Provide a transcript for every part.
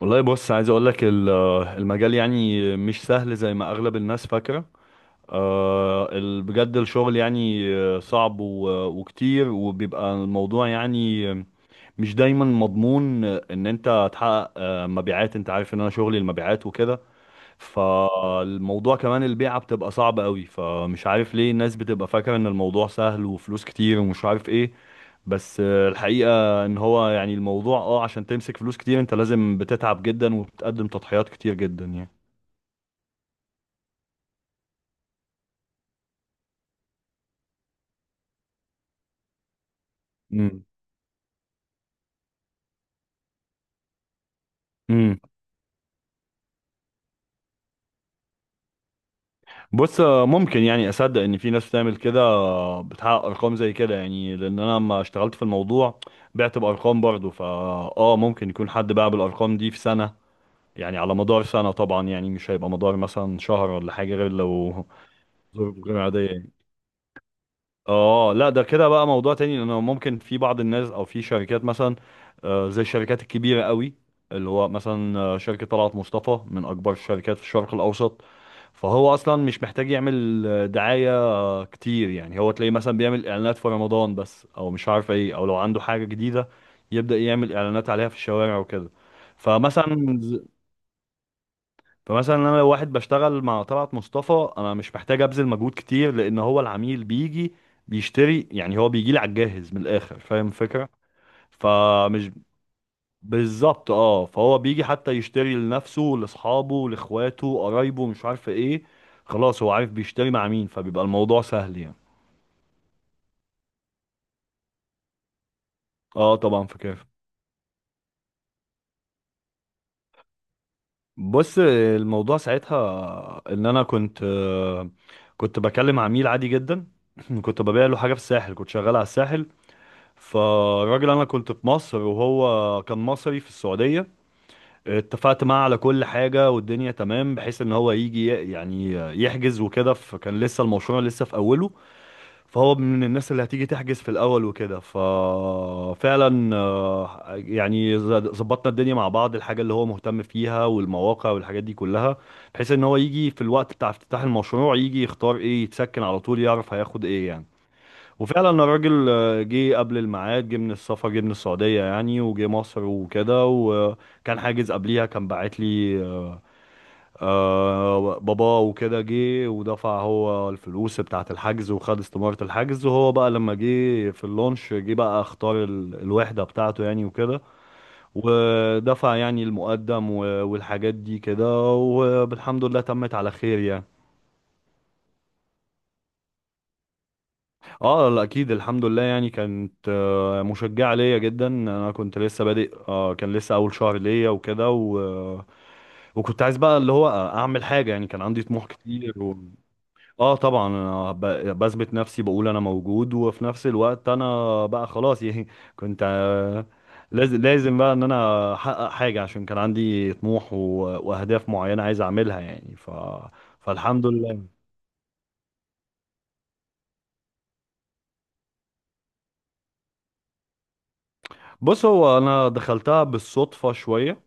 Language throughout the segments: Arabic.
والله، بص، عايز اقول لك المجال يعني مش سهل زي ما اغلب الناس فاكره. بجد الشغل يعني، صعب و- وكتير، وبيبقى الموضوع يعني مش دايما مضمون ان انت تحقق مبيعات. انت عارف ان انا شغلي المبيعات وكده. فالموضوع كمان البيعة بتبقى صعبة قوي. فمش عارف ليه الناس بتبقى فاكرة ان الموضوع سهل وفلوس كتير ومش عارف ايه. بس الحقيقة ان هو يعني الموضوع عشان تمسك فلوس كتير، انت لازم بتتعب جدا وبتقدم تضحيات كتير جدا يعني. امم. امم. بص، ممكن يعني اصدق ان في ناس بتعمل كده، بتحقق ارقام زي كده، يعني لان انا لما اشتغلت في الموضوع بعت بارقام برضه. فا اه ممكن يكون حد باع بالارقام دي في سنة، يعني على مدار سنة طبعا، يعني مش هيبقى مدار مثلا شهر ولا حاجة غير لو ظروف غير عادية يعني. اه، لا، ده كده بقى موضوع تاني، لانه ممكن في بعض الناس او في شركات مثلا زي الشركات الكبيره قوي، اللي هو مثلا شركه طلعت مصطفى، من اكبر الشركات في الشرق الاوسط. فهو اصلا مش محتاج يعمل دعايه كتير، يعني هو تلاقيه مثلا بيعمل اعلانات في رمضان بس، او مش عارف ايه، او لو عنده حاجه جديده يبدا يعمل اعلانات عليها في الشوارع وكده. فمثلا فمثلا انا لو واحد بشتغل مع طلعت مصطفى، انا مش محتاج ابذل مجهود كتير، لان هو العميل بيجي بيشتري. يعني هو بيجي لي على الجاهز، من الاخر فاهم الفكره. فمش بالظبط، اه، فهو بيجي حتى يشتري لنفسه، لاصحابه، لاخواته، قرايبه، مش عارف ايه. خلاص هو عارف بيشتري مع مين، فبيبقى الموضوع سهل يعني. اه، طبعا فاكر. بص، الموضوع ساعتها ان انا كنت بكلم عميل عادي جدا. كنت ببيع له حاجه في الساحل، كنت شغال على الساحل. فالراجل، انا كنت في مصر وهو كان مصري في السعودية. اتفقت معاه على كل حاجة والدنيا تمام، بحيث ان هو يجي يعني يحجز وكده. فكان لسه المشروع لسه في اوله، فهو من الناس اللي هتيجي تحجز في الاول وكده. ففعلا يعني ظبطنا الدنيا مع بعض، الحاجة اللي هو مهتم فيها والمواقع والحاجات دي كلها، بحيث ان هو يجي في الوقت بتاع افتتاح المشروع، يجي يختار ايه، يتسكن على طول، يعرف هياخد ايه يعني. وفعلا الراجل جه قبل الميعاد، جه من السفر، جه من السعودية يعني، وجه مصر وكده، وكان حاجز قبليها، كان باعت لي بابا وكده، جه ودفع هو الفلوس بتاعة الحجز وخد استمارة الحجز. وهو بقى لما جه في اللونش، جه بقى اختار الوحدة بتاعته يعني وكده، ودفع يعني المقدم و- والحاجات دي كده، والحمد لله تمت على خير يعني. اه، لا، اكيد الحمد لله، يعني كانت مشجعه ليا جدا. انا كنت لسه بادئ، كان لسه اول شهر ليا وكده وكنت عايز بقى اللي هو اعمل حاجه يعني، كان عندي طموح كتير اه، طبعا انا بثبت نفسي، بقول انا موجود، وفي نفس الوقت انا بقى خلاص يعني، كنت، لازم لازم بقى ان انا احقق حاجه، عشان كان عندي طموح و... واهداف معينه عايز اعملها يعني. فالحمد لله. بص، هو انا دخلتها بالصدفه شويه.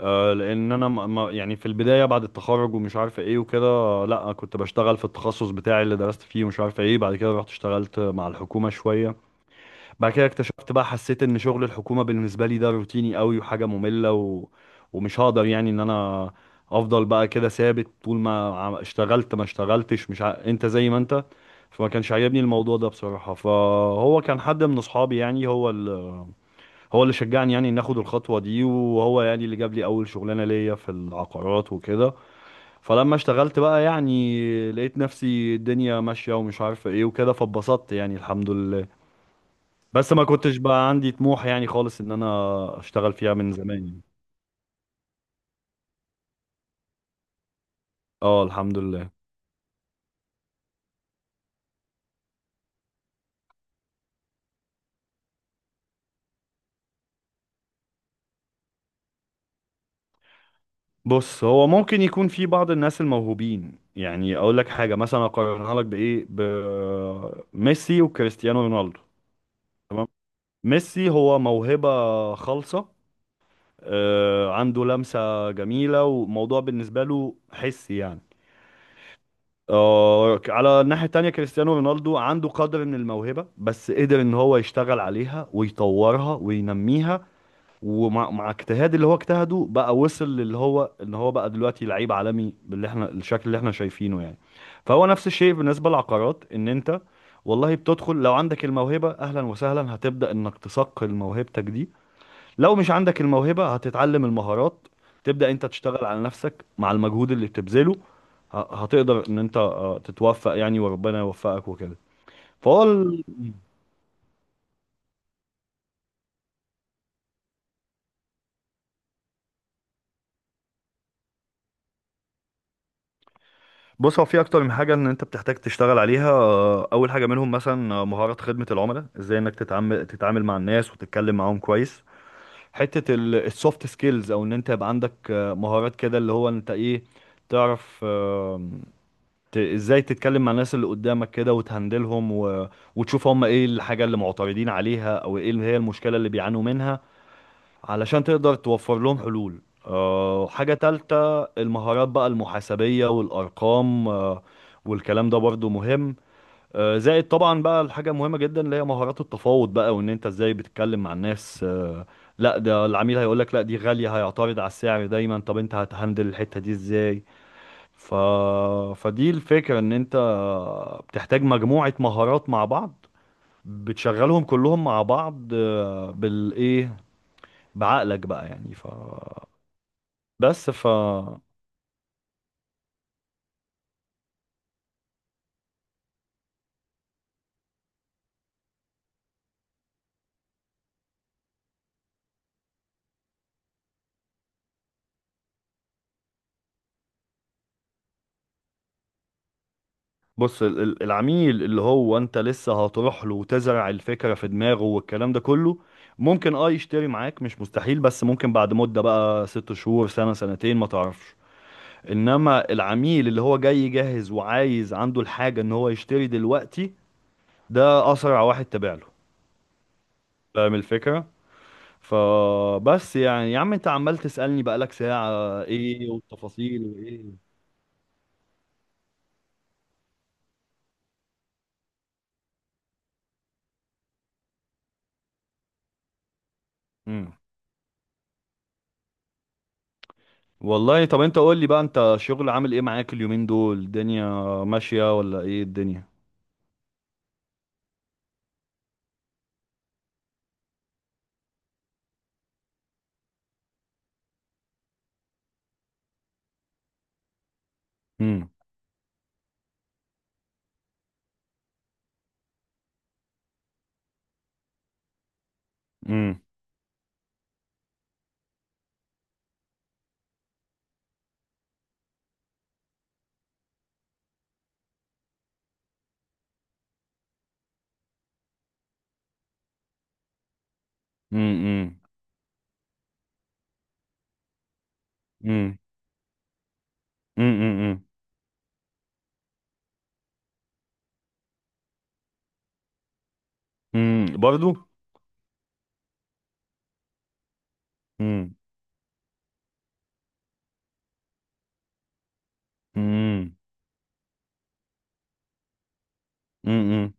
لان انا يعني في البدايه بعد التخرج ومش عارف ايه وكده، لا كنت بشتغل في التخصص بتاعي اللي درست فيه، ومش عارف ايه، بعد كده رحت اشتغلت مع الحكومه شويه. بعد كده اكتشفت بقى، حسيت ان شغل الحكومه بالنسبه لي ده روتيني قوي وحاجه ممله ومش هقدر يعني ان انا افضل بقى كده ثابت. طول ما اشتغلت ما اشتغلتش، مش ع... انت زي ما انت. فما كانش عاجبني الموضوع ده بصراحه. فهو كان حد من اصحابي يعني، هو اللي شجعني يعني ان اخد الخطوه دي، وهو يعني اللي جاب لي اول شغلانه ليا في العقارات وكده. فلما اشتغلت بقى، يعني لقيت نفسي الدنيا ماشيه ومش عارفه ايه وكده، فاتبسطت يعني الحمد لله. بس ما كنتش بقى عندي طموح يعني خالص ان انا اشتغل فيها من زمان يعني. اه، الحمد لله. بص، هو ممكن يكون في بعض الناس الموهوبين، يعني اقول لك حاجه مثلا، اقارنها لك بايه، بميسي وكريستيانو رونالدو. تمام. ميسي هو موهبه خالصه، عنده لمسة جميلة وموضوع بالنسبة له حسي يعني. على الناحية التانية، كريستيانو رونالدو عنده قدر من الموهبة، بس قدر ان هو يشتغل عليها ويطورها وينميها، ومع اجتهاد اللي هو اجتهده بقى، وصل للي هو ان هو بقى دلوقتي لعيب عالمي، باللي احنا الشكل اللي احنا شايفينه يعني. فهو نفس الشيء بالنسبة للعقارات، ان انت والله بتدخل، لو عندك الموهبة اهلا وسهلا، هتبدأ انك تصقل موهبتك دي. لو مش عندك الموهبة هتتعلم المهارات، تبدأ انت تشتغل على نفسك مع المجهود اللي بتبذله، ه- هتقدر ان انت تتوفق يعني، وربنا يوفقك وكده. فهو ال- بص، هو في اكتر من حاجة ان انت بتحتاج تشتغل عليها. اول حاجة منهم مثلا مهارة خدمة العملاء، ازاي انك تتعامل مع الناس وتتكلم معاهم كويس. حتة السوفت سكيلز، او ان انت يبقى عندك مهارات كده، اللي هو انت ايه، تعرف ازاي تتكلم مع الناس اللي قدامك كده، وتهندلهم وتشوف هم ايه الحاجة اللي معترضين عليها، او ايه اللي هي المشكلة اللي بيعانوا منها، علشان تقدر توفر لهم حلول. حاجة تالتة، المهارات بقى المحاسبية والأرقام. والكلام ده برضو مهم. زائد طبعا بقى الحاجة المهمة جدا اللي هي مهارات التفاوض بقى، وان انت ازاي بتتكلم مع الناس. لا، ده العميل هيقولك لا دي غالية، هيعترض على السعر دايما، طب انت هتهندل الحتة دي ازاي؟ ف... فدي الفكرة، ان انت بتحتاج مجموعة مهارات مع بعض، بتشغلهم كلهم مع بعض، بالايه، بعقلك بقى يعني. بس بص، العميل اللي هو انت لسه هتروح له وتزرع الفكرة في دماغه والكلام ده كله، ممكن يشتري معاك، مش مستحيل، بس ممكن بعد مدة، بقى 6 شهور، سنة، سنتين، ما تعرفش. انما العميل اللي هو جاي جاهز وعايز، عنده الحاجة ان هو يشتري دلوقتي، ده اسرع واحد تابع له، فاهم الفكرة. فبس يعني يا عم، انت عمال تسألني بقالك ساعة، ايه والتفاصيل وايه. مم. والله، طب انت قول لي بقى، انت شغل عامل ايه معاك اليومين دول؟ الدنيا ماشية ولا ايه الدنيا؟ امم. امم. امم. امم. امم. امم، برضو. امم. امم. امم.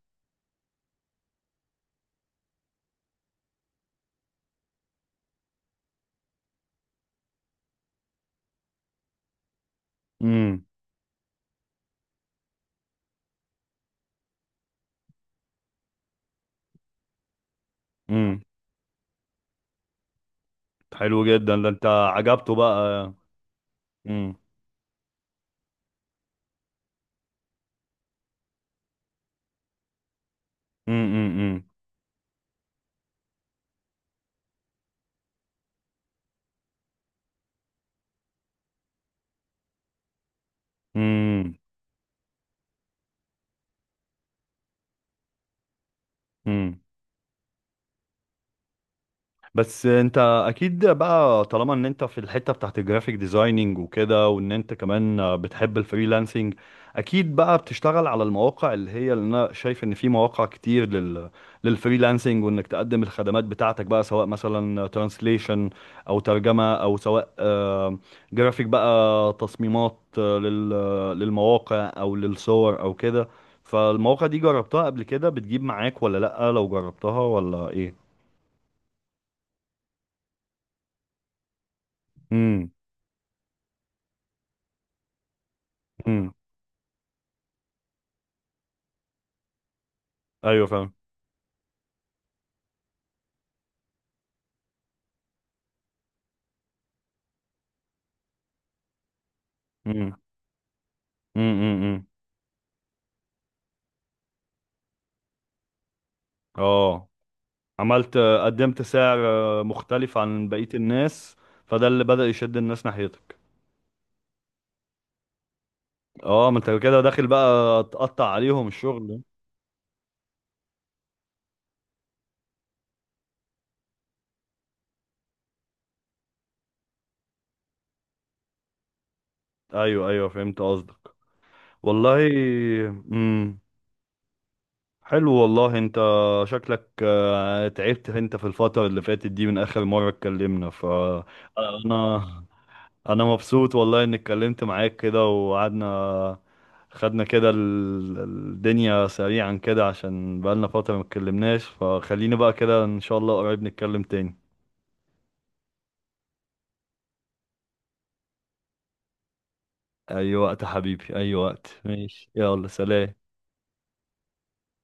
امم. امم. حلو جدا، ده انت عجبته بقى؟ امم. امم. امم. بس انت اكيد بقى، طالما ان انت في الحتة بتاعت الجرافيك ديزايننج وكده، وان انت كمان بتحب الفريلانسنج، اكيد بقى بتشتغل على المواقع، اللي هي اللي انا شايف ان في مواقع كتير للفريلانسنج، وانك تقدم الخدمات بتاعتك بقى، سواء مثلا ترانسليشن او ترجمة، او سواء جرافيك بقى، تصميمات للمواقع او للصور او كده. فالمواقع دي جربتها قبل كده بتجيب معاك ولا لأ؟ لو جربتها ولا ايه؟ امم. ايوه، فاهم. امم. امم. امم. امم. اه، عملت، قدمت سعر مختلف عن بقية الناس. فده اللي بدأ يشد الناس ناحيتك. اه، ما انت كده داخل بقى تقطع عليهم الشغل. ايوه، ايوه، فهمت قصدك. والله. امم. حلو والله، انت شكلك تعبت انت في الفترة اللي فاتت دي من اخر مرة اتكلمنا. فانا مبسوط والله اني اتكلمت معاك كده وقعدنا، خدنا كده الدنيا سريعا كده، عشان بقالنا فترة ما اتكلمناش. فخليني بقى كده ان شاء الله قريب نتكلم تاني. اي وقت يا حبيبي، اي وقت. ماشي، يلا، سلام.